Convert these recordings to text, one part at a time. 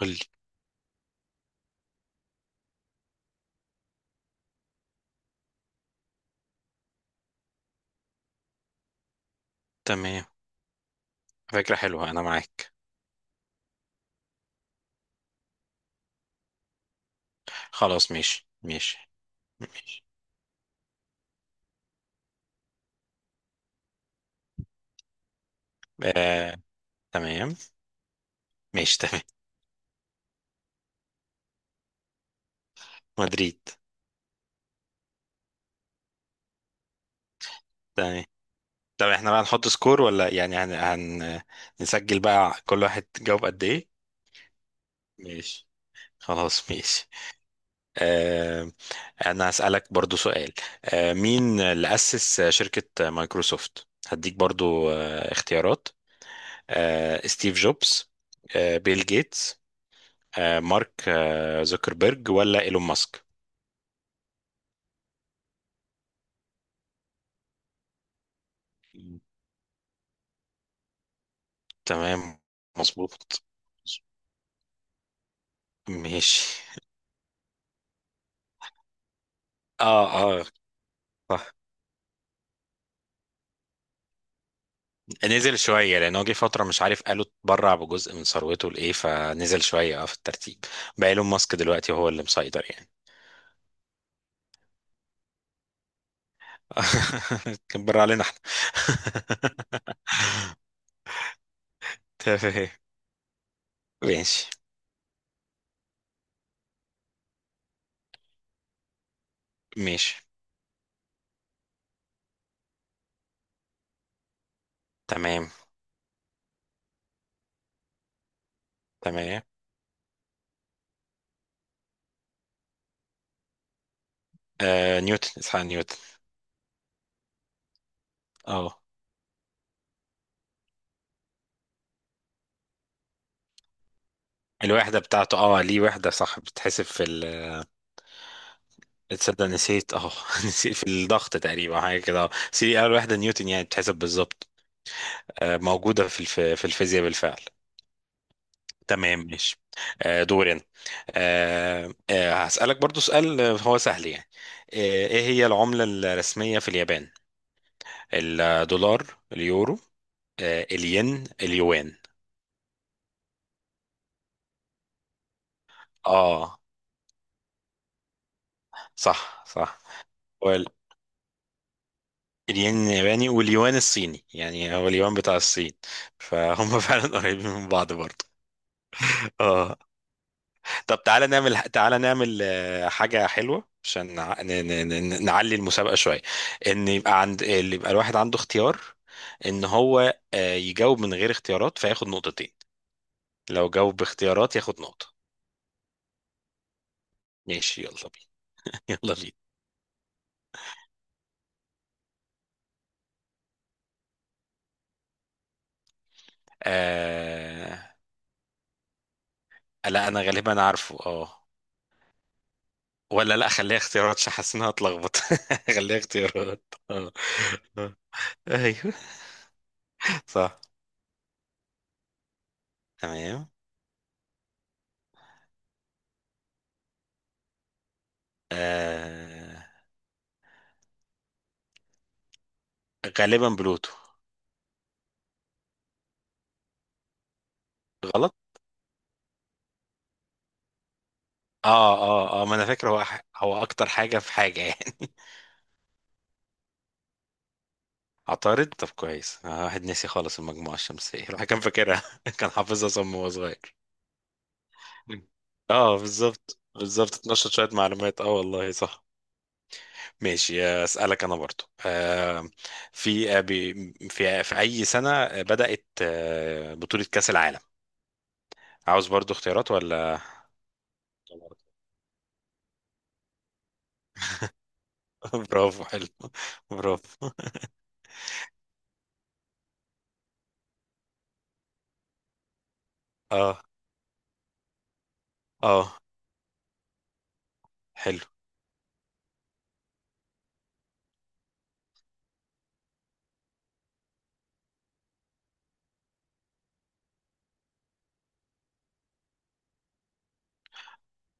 قول لي. تمام، فكرة حلوة، أنا معاك. خلاص ماشي ماشي ماشي. آه، تمام ماشي. تمام. مدريد. تمام. طب احنا بقى نحط سكور، ولا يعني نسجل بقى كل واحد جاوب قد ايه؟ ماشي. خلاص ماشي. آه، انا هسألك برضو سؤال. مين اللي أسس شركة مايكروسوفت؟ هديك برضو اختيارات: ستيف جوبز، بيل جيتس، مارك زوكربيرج، ولا ايلون ماسك؟ تمام مظبوط. ماشي. اه، اه، صح. نزل شوية لأن هو جه فترة مش عارف، قالوا اتبرع بجزء من ثروته لإيه، فنزل شوية اه في الترتيب. بقى إيلون ماسك دلوقتي هو اللي مسيطر يعني. كان برع علينا احنا. تمام. ماشي ماشي. تمام تمام. آه نيوتن، اسحاق نيوتن. اه. الوحدة بتاعته، اه ليه وحدة، صح، بتحسب في ال. تصدق نسيت، اه نسيت، في الضغط تقريبا حاجه كده، اه سي، اول واحده نيوتن، يعني بتحسب بالظبط. موجوده في الفيزياء بالفعل. تمام ماشي. دوري انا. هسألك برضو سؤال. هو سهل يعني. ايه هي العملة الرسمية في اليابان؟ الدولار، اليورو، الين، اليوان؟ اه صح صح. هو ال- الين الياباني واليوان الصيني، يعني هو اليوان بتاع الصين. فهم. فعلا قريبين من بعض برضه. اه. طب تعالى نعمل حاجة حلوة عشان نعلي المسابقة شوية. ان يبقى عند اللي، يبقى الواحد عنده اختيار، ان هو يجاوب من غير اختيارات فياخد نقطتين، لو جاوب باختيارات ياخد نقطة. ماشي يلا بينا. يلا بينا. آه... لا، انا غالبا عارفه، اه. ولا لا، خليها اختيارات عشان حاسس انها هتلخبط. خليها اختيارات. اه. آه. ايوه. صح. تمام. آه... غالبا بلوتو. غلط. اه اه اه. ما انا فاكر هو اكتر حاجه في حاجه يعني. عطارد. طب كويس، واحد ناسي خالص المجموعه الشمسيه، الواحد كان فاكرها، كان حافظها صم وهو صغير. اه بالظبط بالظبط، اتنشط شويه معلومات، اه والله صح. ماشي. اسالك انا برضو. في اي سنه بدات بطوله كاس العالم؟ عاوز برضو اختيارات ولا؟ برافو، حلو. برافو. اه اه، حلو.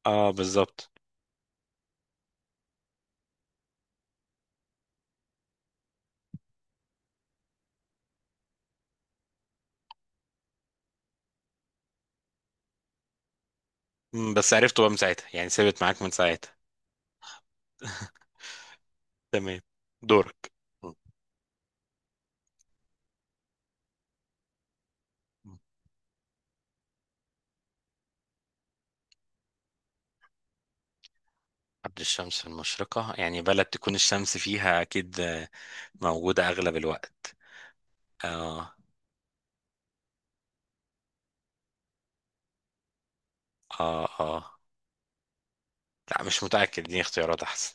اه، بالظبط. مم، بس عرفته بقى من ساعتها، يعني ثابت معاك من ساعتها. تمام. دورك. مم. عبد الشمس المشرقة، يعني بلد تكون الشمس فيها أكيد موجودة أغلب الوقت. آه. آه. آه. لا مش متأكد، دي اختيارات أحسن.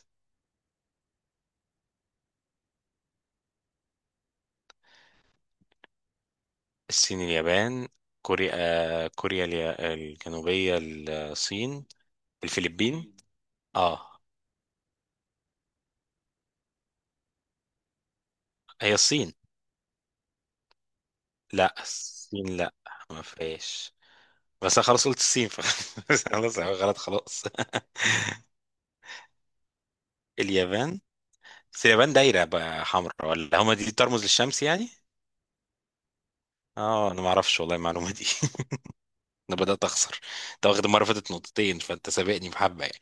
الصين، اليابان، كوريا، الجنوبية، الصين، الفلبين. آه، هي الصين. لا، الصين لا، ما فيش. بس أنا خلاص قلت الصين. خلاص غلط خلاص. اليابان. بس اليابان دايرة بقى حمراء، ولا هما دي ترمز للشمس يعني؟ اه انا ما اعرفش والله المعلومة دي. انا بدأت اخسر. انت واخد المرة اللي فاتت نقطتين، فانت سابقني بحبة يعني.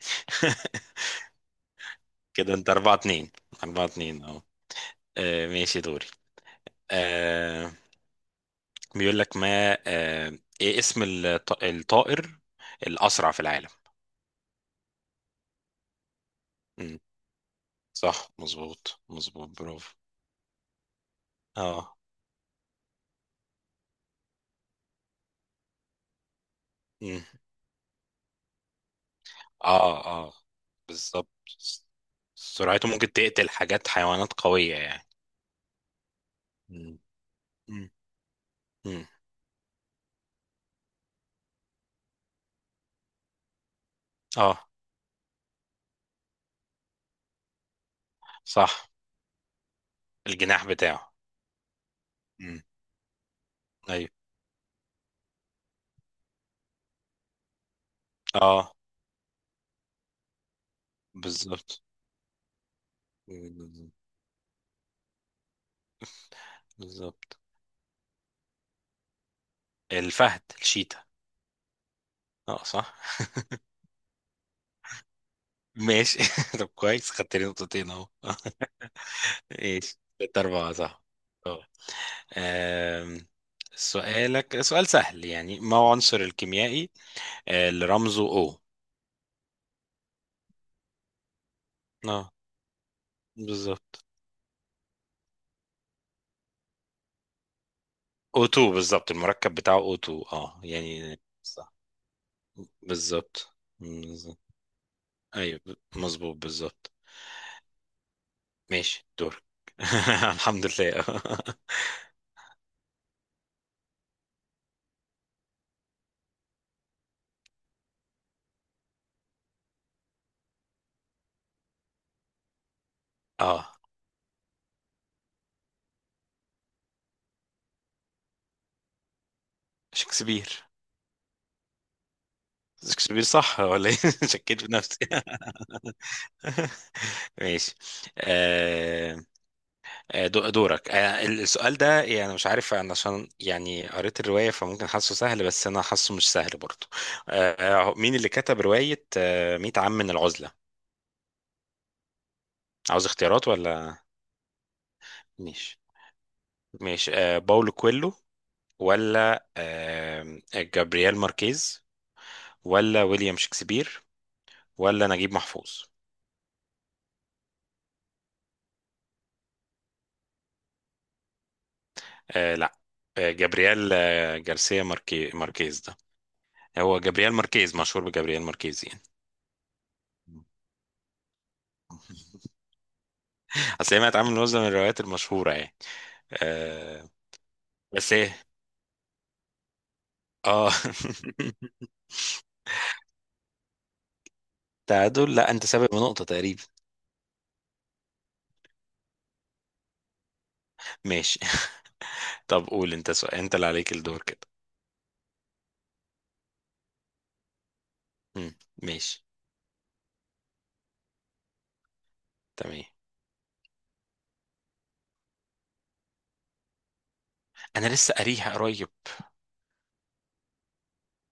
كده انت 4-2، 4-2 اهو. ماشي دوري. آه، بيقول لك ما ايه اسم الطائر الاسرع في العالم؟ مم. صح مظبوط مظبوط، برافو. اه. مم. اه اه، بالظبط. سرعته ممكن تقتل حاجات، حيوانات قوية يعني. مم. مم. اه صح. الجناح بتاعه. مم. ايوه. اه بالظبط بالظبط. الفهد، الشيتا. اه صح. ماشي. طب كويس، خدت لي نقطتين اهو. ماشي، 6-4، صح. اه. آم، سؤالك سؤال سهل يعني، ما هو عنصر الكيميائي اللي رمزه O؟ اه بالظبط. O2 بالظبط، المركب بتاعه O2، اه يعني صح بالظبط. بالظبط. ايوه، مظبوط بالظبط. ماشي دورك. الحمد لله. اه، شكسبير. شكسبير صح ولا ايه؟ شكيت في نفسي. ماشي. آه. دورك. آه، السؤال ده يعني مش عارف انا، عشان يعني قريت الرواية فممكن حاسه سهل، بس انا حاسه مش سهل برضه. مين اللي كتب رواية 100 عام من العزلة؟ عاوز اختيارات ولا؟ ماشي. ماشي، باولو كويلو، ولا جابرييل ماركيز، ولا ويليام شكسبير، ولا نجيب محفوظ؟ آه لا، جابرييل، جارسيا، ماركيز ده. هو جابرييل ماركيز، مشهور بجابرييل ماركيز يعني. اصل هي ما اتعمل من وزن، من الروايات المشهوره يعني. آه. بس ايه. اه. تعادل؟ لا انت سابق بنقطه تقريبا. ماشي. طب قول انت سؤال، انت اللي عليك الدور كده. مم. ماشي. تمام. انا لسه قاريها قريب.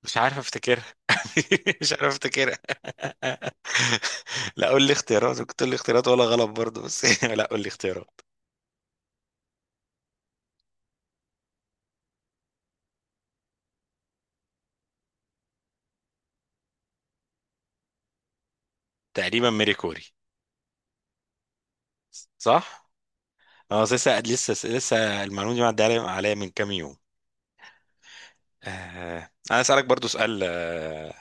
مش عارف افتكرها. مش عارف افتكرها. لا قول لي اختيارات، كنت تقول لي اختيارات ولا غلط برضه بس. لا قول لي اختيارات. تقريبا ميري كوري. صح؟ اه لسه لسه لسه، المعلومة دي معدية عليا عليا من كام يوم. آه. انا اسالك برضو سؤال.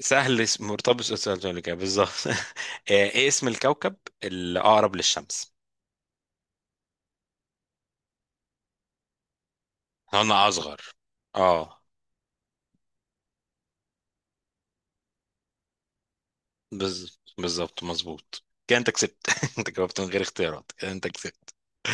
سهل. مرتبط بالسؤال اللي قبل كده بالظبط. آه، ايه اسم الكوكب الاقرب للشمس؟ انا اصغر، اه. بالظبط مظبوط. كده انت كسبت. انت جاوبت من غير اختيارات، كده انت كسبت.